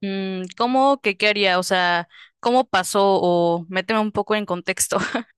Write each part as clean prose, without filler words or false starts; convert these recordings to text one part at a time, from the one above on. ¿Cómo que qué haría? O sea, ¿cómo pasó? O méteme un poco en contexto.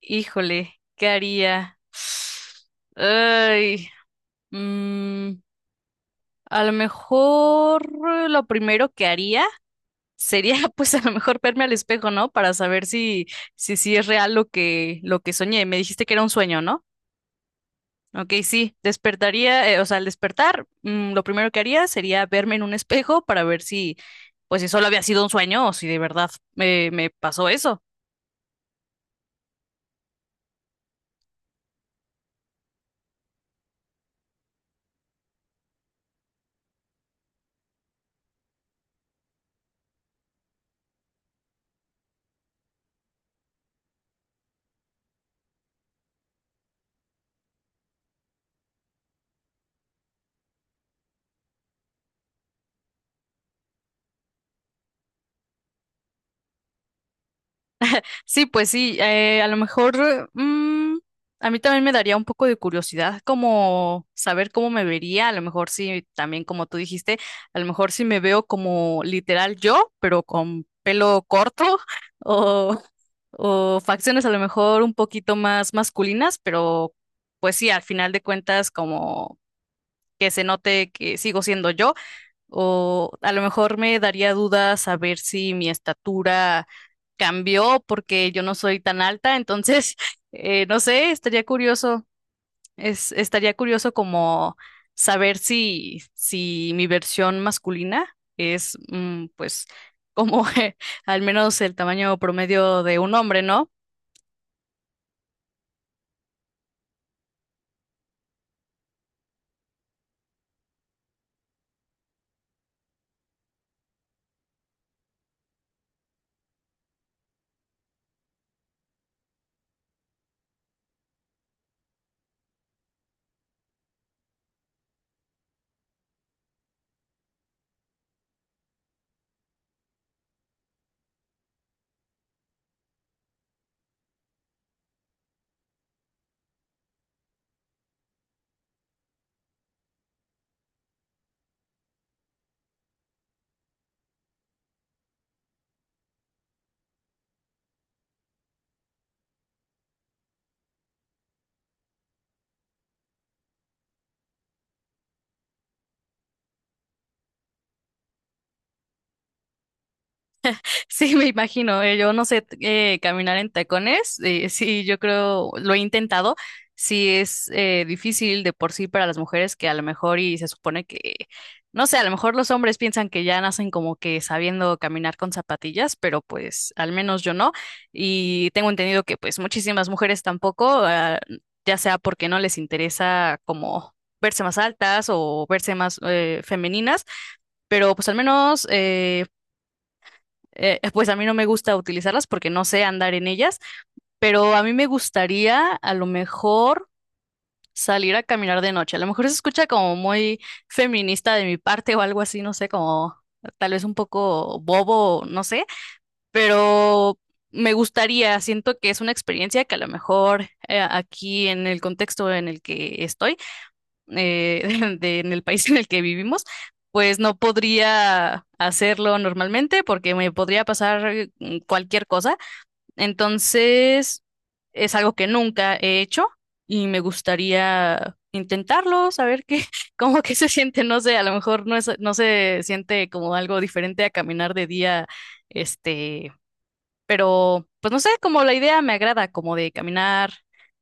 Híjole, ¿qué haría? Ay, mm, a lo mejor lo primero que haría sería, pues, a lo mejor verme al espejo, ¿no? Para saber si es real lo que soñé. Me dijiste que era un sueño, ¿no? Ok, sí, despertaría, o sea, al despertar, lo primero que haría sería verme en un espejo para ver si, pues si solo había sido un sueño o si de verdad me pasó eso. Sí, pues sí, a lo mejor a mí también me daría un poco de curiosidad como saber cómo me vería, a lo mejor sí, también como tú dijiste, a lo mejor sí me veo como literal yo, pero con pelo corto o, o facciones a lo mejor un poquito más masculinas, pero pues sí, al final de cuentas como que se note que sigo siendo yo o a lo mejor me daría dudas saber si mi estatura cambió porque yo no soy tan alta, entonces, no sé, estaría curioso, estaría curioso como saber si, si mi versión masculina es, pues, como al menos el tamaño promedio de un hombre, ¿no? Sí, me imagino. Yo no sé caminar en tacones. Sí, yo creo, lo he intentado. Sí, es difícil de por sí para las mujeres que a lo mejor y se supone que, no sé, a lo mejor los hombres piensan que ya nacen como que sabiendo caminar con zapatillas, pero pues al menos yo no. Y tengo entendido que pues muchísimas mujeres tampoco, ya sea porque no les interesa como verse más altas o verse más femeninas, pero pues al menos pues a mí no me gusta utilizarlas porque no sé andar en ellas, pero a mí me gustaría a lo mejor salir a caminar de noche. A lo mejor se escucha como muy feminista de mi parte o algo así, no sé, como tal vez un poco bobo, no sé, pero me gustaría, siento que es una experiencia que a lo mejor aquí en el contexto en el que estoy, en el país en el que vivimos, pues no podría hacerlo normalmente porque me podría pasar cualquier cosa. Entonces, es algo que nunca he hecho y me gustaría intentarlo, saber qué, cómo que se siente, no sé, a lo mejor no es, no se siente como algo diferente a caminar de día, este, pero, pues no sé, como la idea me agrada, como de caminar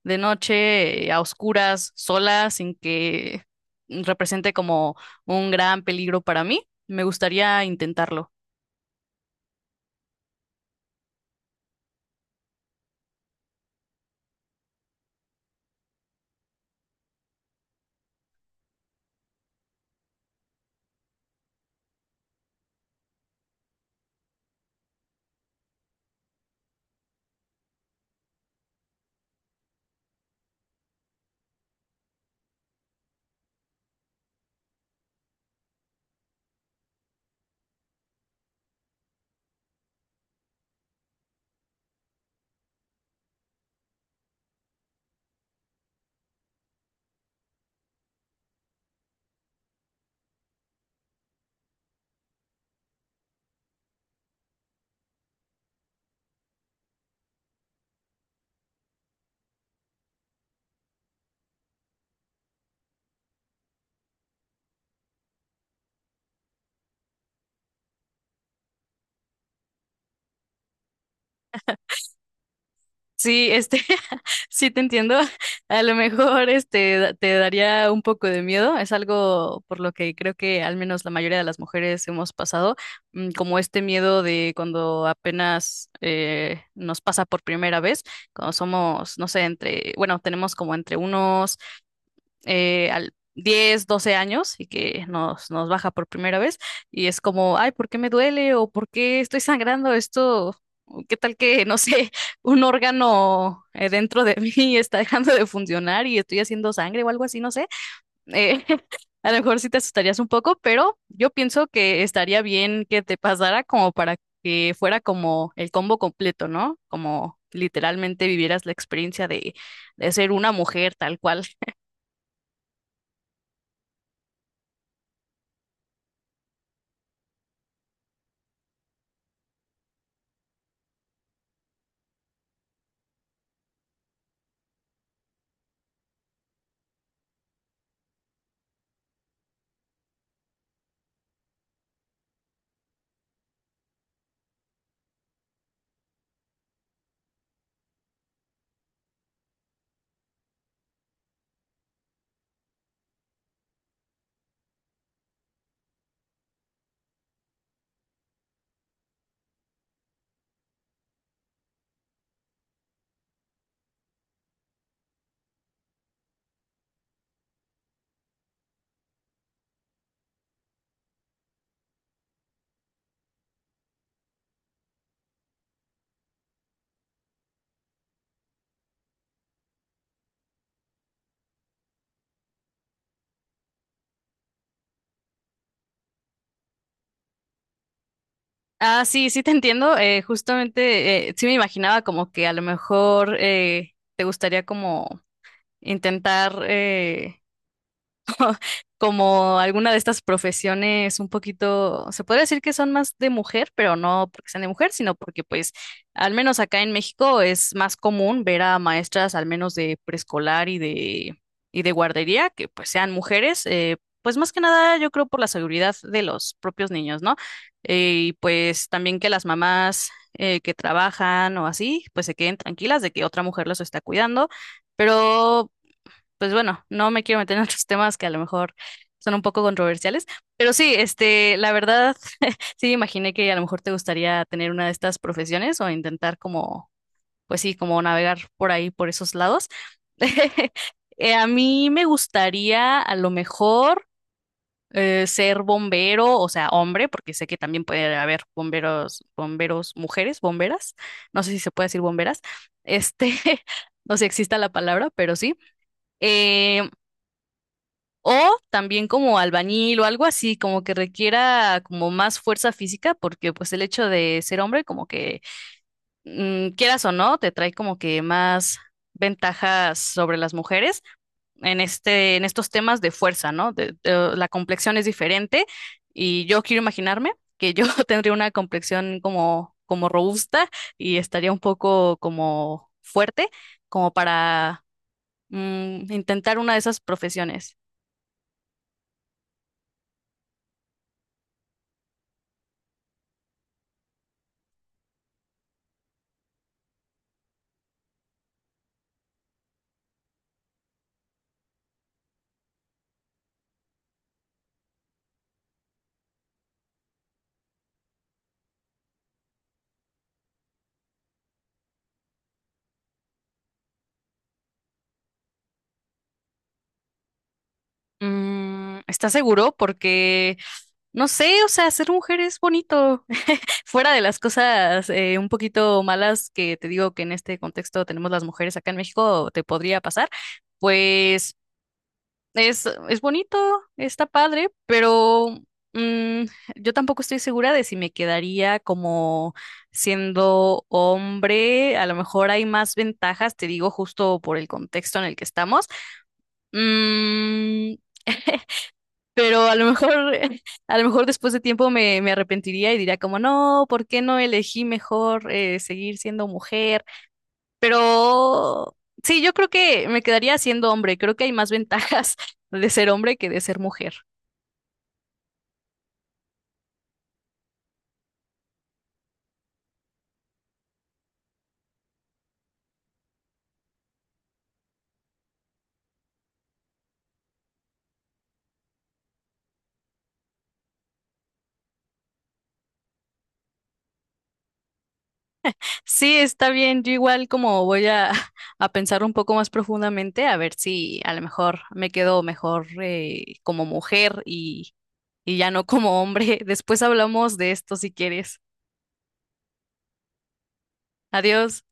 de noche, a oscuras, sola, sin que represente como un gran peligro para mí. Me gustaría intentarlo. Sí, este, sí te entiendo. A lo mejor este te daría un poco de miedo. Es algo por lo que creo que al menos la mayoría de las mujeres hemos pasado, como este miedo de cuando apenas nos pasa por primera vez, cuando somos, no sé, entre, bueno, tenemos como entre unos al 10 o 12 años y que nos baja por primera vez y es como, ay, ¿por qué me duele? ¿O por qué estoy sangrando esto? ¿Qué tal que, no sé, un órgano dentro de mí está dejando de funcionar y estoy haciendo sangre o algo así, no sé? Eh, a lo mejor sí te asustarías un poco, pero yo pienso que estaría bien que te pasara como para que fuera como el combo completo, ¿no? Como literalmente vivieras la experiencia de ser una mujer tal cual. Ah, sí, sí te entiendo. Justamente, sí me imaginaba como que a lo mejor te gustaría como intentar como alguna de estas profesiones un poquito, se podría decir que son más de mujer, pero no porque sean de mujer, sino porque pues al menos acá en México es más común ver a maestras al menos de preescolar y de guardería que pues sean mujeres, pues más que nada yo creo por la seguridad de los propios niños, ¿no? Y pues también que las mamás que trabajan o así, pues se queden tranquilas de que otra mujer los está cuidando. Pero pues bueno, no me quiero meter en otros temas que a lo mejor son un poco controversiales, pero sí, este, la verdad, sí, imaginé que a lo mejor te gustaría tener una de estas profesiones o intentar como, pues sí, como navegar por ahí, por esos lados. A mí me gustaría a lo mejor ser bombero, o sea, hombre, porque sé que también puede haber bomberos, bomberos, mujeres, bomberas, no sé si se puede decir bomberas, este, no sé si exista la palabra, pero sí. Eh, o también como albañil o algo así, como que requiera como más fuerza física, porque pues el hecho de ser hombre, como que quieras o no, te trae como que más ventajas sobre las mujeres en este, en estos temas de fuerza, ¿no? La complexión es diferente y yo quiero imaginarme que yo tendría una complexión como, como robusta y estaría un poco como fuerte, como para intentar una de esas profesiones. ¿Estás seguro? Porque, no sé, o sea, ser mujer es bonito. Fuera de las cosas un poquito malas que te digo que en este contexto tenemos las mujeres acá en México, te podría pasar, pues es bonito, está padre, pero mm, yo tampoco estoy segura de si me quedaría como siendo hombre. A lo mejor hay más ventajas, te digo, justo por el contexto en el que estamos. Mm, pero a lo mejor, a lo mejor después de tiempo me arrepentiría y diría como, no, ¿por qué no elegí mejor seguir siendo mujer? Pero sí, yo creo que me quedaría siendo hombre. Creo que hay más ventajas de ser hombre que de ser mujer. Sí, está bien. Yo igual como voy a, a pensar un poco más profundamente, a ver si a lo mejor me quedo mejor como mujer y ya no como hombre. Después hablamos de esto si quieres. Adiós.